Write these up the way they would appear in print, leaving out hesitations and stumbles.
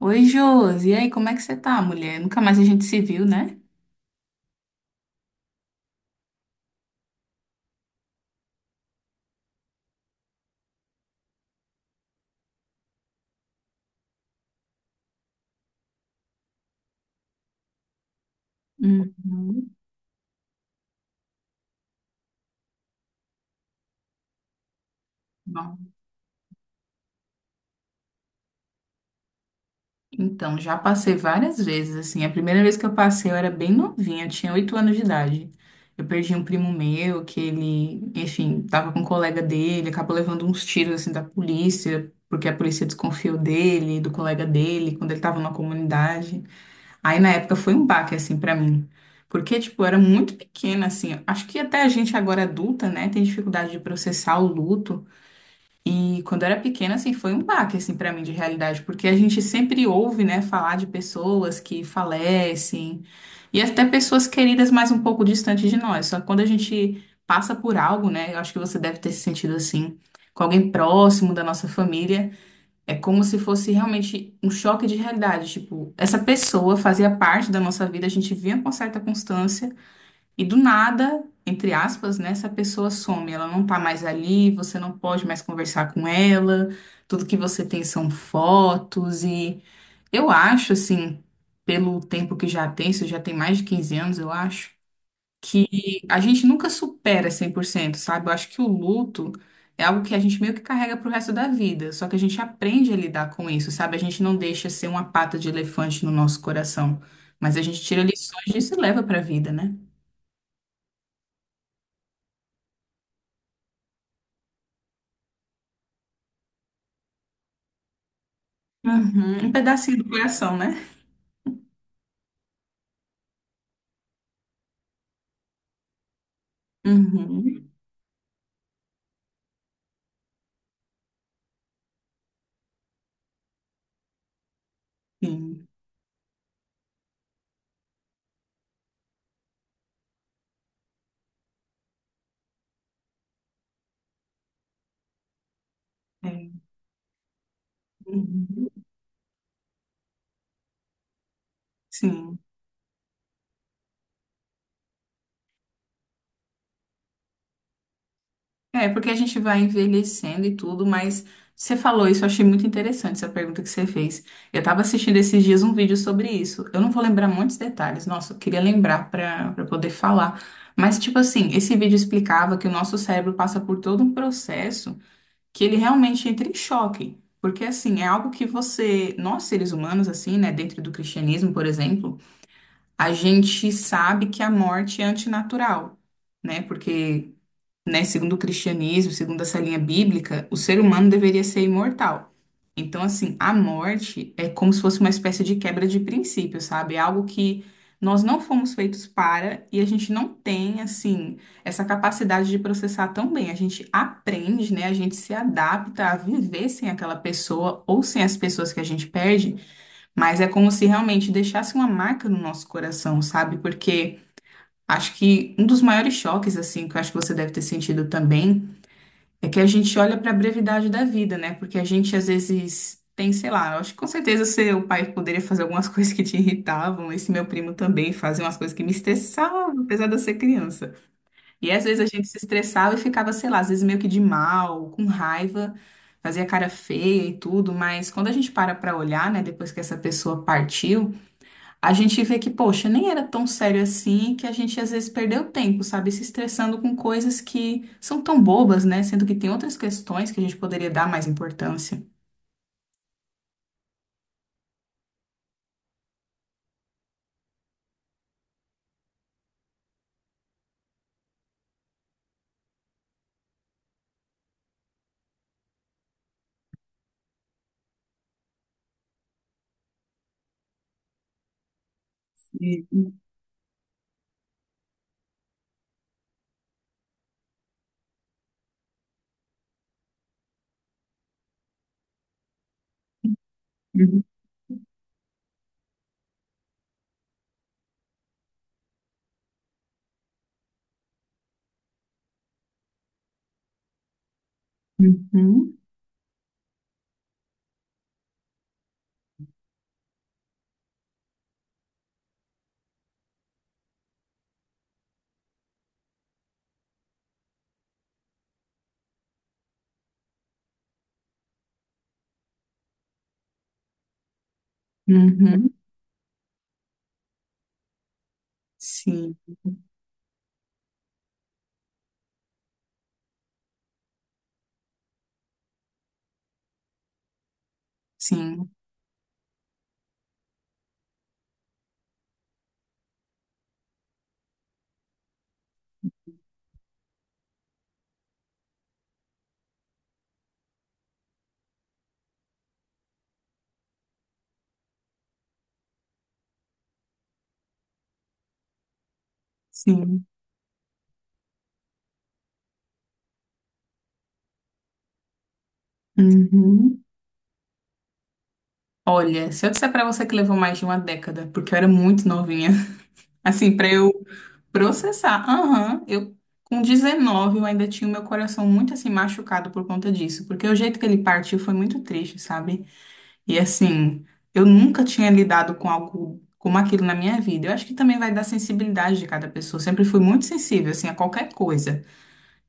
Oi, Josi. E aí, como é que você tá, mulher? Nunca mais a gente se viu, né? Uhum. Bom, então, já passei várias vezes, assim. A primeira vez que eu passei, eu era bem novinha, eu tinha 8 anos de idade. Eu perdi um primo meu, que ele, enfim, tava com um colega dele, acabou levando uns tiros, assim, da polícia, porque a polícia desconfiou dele, do colega dele, quando ele tava na comunidade. Aí na época foi um baque assim pra mim, porque tipo, eu era muito pequena assim. Acho que até a gente agora adulta, né, tem dificuldade de processar o luto. E quando eu era pequena assim, foi um baque assim para mim de realidade, porque a gente sempre ouve, né, falar de pessoas que falecem e até pessoas queridas mais um pouco distante de nós. Só que quando a gente passa por algo, né, eu acho que você deve ter se sentido assim, com alguém próximo da nossa família. É como se fosse realmente um choque de realidade. Tipo, essa pessoa fazia parte da nossa vida, a gente via com certa constância, e do nada, entre aspas, né, essa pessoa some. Ela não tá mais ali, você não pode mais conversar com ela, tudo que você tem são fotos. E eu acho, assim, pelo tempo que já tem, isso já tem mais de 15 anos, eu acho que a gente nunca supera 100%, sabe? Eu acho que o luto é algo que a gente meio que carrega pro resto da vida, só que a gente aprende a lidar com isso, sabe? A gente não deixa ser uma pata de elefante no nosso coração, mas a gente tira lições disso e leva pra vida, né? Uhum, um pedacinho do coração, né? Uhum, sim. É. Uhum, sim. É, porque a gente vai envelhecendo e tudo, mas você falou isso, eu achei muito interessante essa pergunta que você fez. Eu tava assistindo esses dias um vídeo sobre isso. Eu não vou lembrar muitos detalhes, nossa, eu queria lembrar para poder falar. Mas, tipo assim, esse vídeo explicava que o nosso cérebro passa por todo um processo que ele realmente entra em choque. Porque, assim, é algo que você, nós seres humanos, assim, né, dentro do cristianismo, por exemplo, a gente sabe que a morte é antinatural, né? Porque, né? Segundo o cristianismo, segundo essa linha bíblica, o ser humano deveria ser imortal. Então, assim, a morte é como se fosse uma espécie de quebra de princípio, sabe? É algo que nós não fomos feitos para e a gente não tem, assim, essa capacidade de processar tão bem. A gente aprende, né? A gente se adapta a viver sem aquela pessoa ou sem as pessoas que a gente perde, mas é como se realmente deixasse uma marca no nosso coração, sabe? Porque. Acho que um dos maiores choques, assim, que eu acho que você deve ter sentido também, é que a gente olha para a brevidade da vida, né? Porque a gente às vezes tem, sei lá, eu acho que com certeza seu pai poderia fazer algumas coisas que te irritavam, esse meu primo também fazia umas coisas que me estressavam, apesar de eu ser criança. E às vezes a gente se estressava e ficava, sei lá, às vezes meio que de mal, com raiva, fazia cara feia e tudo, mas quando a gente para para olhar, né, depois que essa pessoa partiu, a gente vê que, poxa, nem era tão sério assim, que a gente às vezes perdeu tempo, sabe? Se estressando com coisas que são tão bobas, né? Sendo que tem outras questões que a gente poderia dar mais importância. Sim. Uhum, uhum, uhum. Sim, sim, sim. Uhum. Olha, se eu disser pra você que levou mais de uma década, porque eu era muito novinha. Assim, para eu processar. Aham, eu com 19 eu ainda tinha o meu coração muito assim machucado por conta disso, porque o jeito que ele partiu foi muito triste, sabe? E assim, eu nunca tinha lidado com algo como aquilo na minha vida. Eu acho que também vai da sensibilidade de cada pessoa. Eu sempre fui muito sensível assim a qualquer coisa.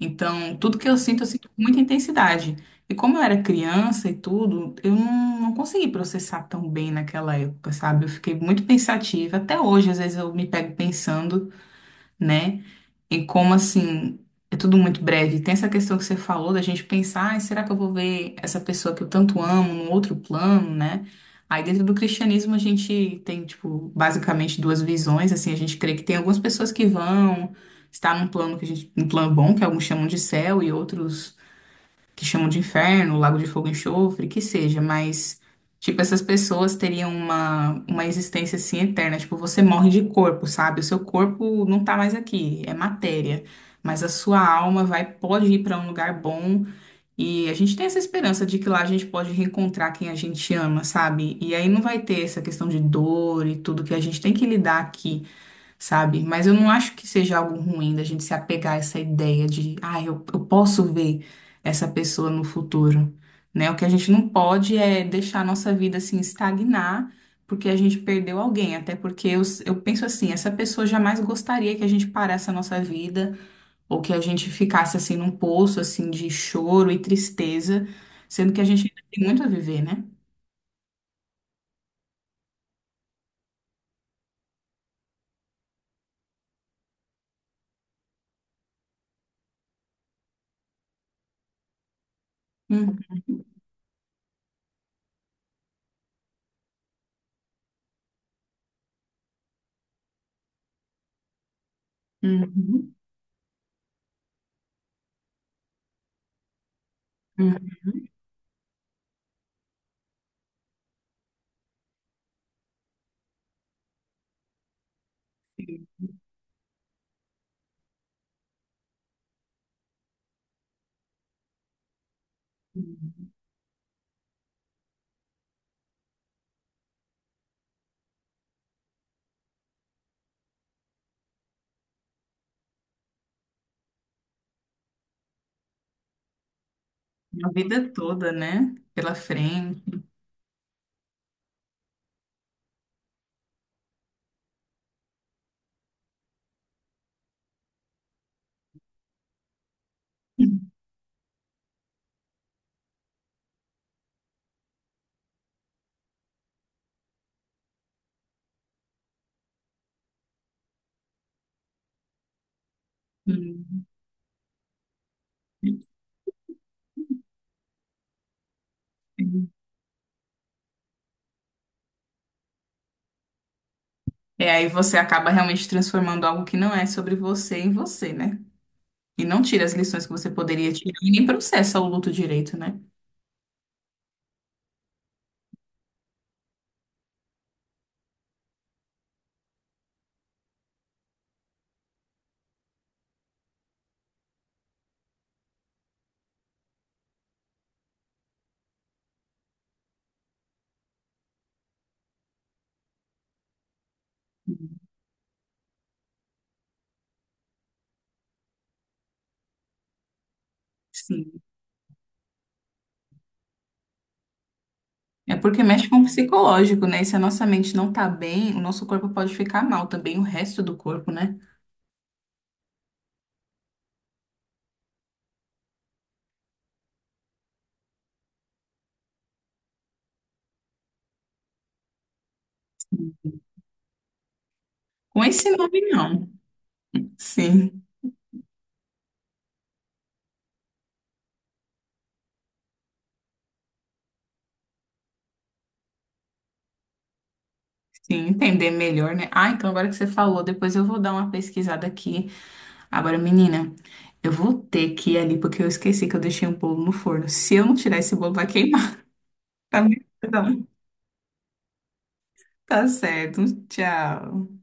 Então, tudo que eu sinto com muita intensidade. E como eu era criança e tudo, eu não, não consegui processar tão bem naquela época, sabe? Eu fiquei muito pensativa. Até hoje, às vezes, eu me pego pensando, né? E como assim, é tudo muito breve. Tem essa questão que você falou da gente pensar, "Ai, será que eu vou ver essa pessoa que eu tanto amo num outro plano, né? Aí dentro do cristianismo a gente tem, tipo, basicamente duas visões, assim, a gente crê que tem algumas pessoas que vão estar num plano que a gente, um plano bom, que alguns chamam de céu e outros que chamam de inferno, lago de fogo e enxofre, que seja, mas, tipo, essas pessoas teriam uma existência assim eterna. Tipo, você morre de corpo, sabe? O seu corpo não tá mais aqui, é matéria. Mas a sua alma vai, pode ir para um lugar bom. E a gente tem essa esperança de que lá a gente pode reencontrar quem a gente ama, sabe? E aí não vai ter essa questão de dor e tudo que a gente tem que lidar aqui, sabe? Mas eu não acho que seja algo ruim da gente se apegar a essa ideia de, ah, eu posso ver essa pessoa no futuro, né? O que a gente não pode é deixar a nossa vida assim estagnar porque a gente perdeu alguém, até porque eu penso assim, essa pessoa jamais gostaria que a gente parasse a nossa vida ou que a gente ficasse assim num poço assim de choro e tristeza, sendo que a gente ainda tem muito a viver, né? Uhum, uhum, uhum. A vida toda, né? Pela frente. Uhum. É, aí você acaba realmente transformando algo que não é sobre você em você, né? E não tira as lições que você poderia tirar e nem processa o luto direito, né? Uhum. Sim. É porque mexe com o psicológico, né? E se a nossa mente não tá bem, o nosso corpo pode ficar mal também, o resto do corpo, né? Com esse nome, não. Sim. Sim, entender melhor, né? Ah, então agora que você falou, depois eu vou dar uma pesquisada aqui. Agora, menina, eu vou ter que ir ali porque eu esqueci que eu deixei um bolo no forno. Se eu não tirar esse bolo, vai queimar. Tá, bom, então. Tá certo. Tchau.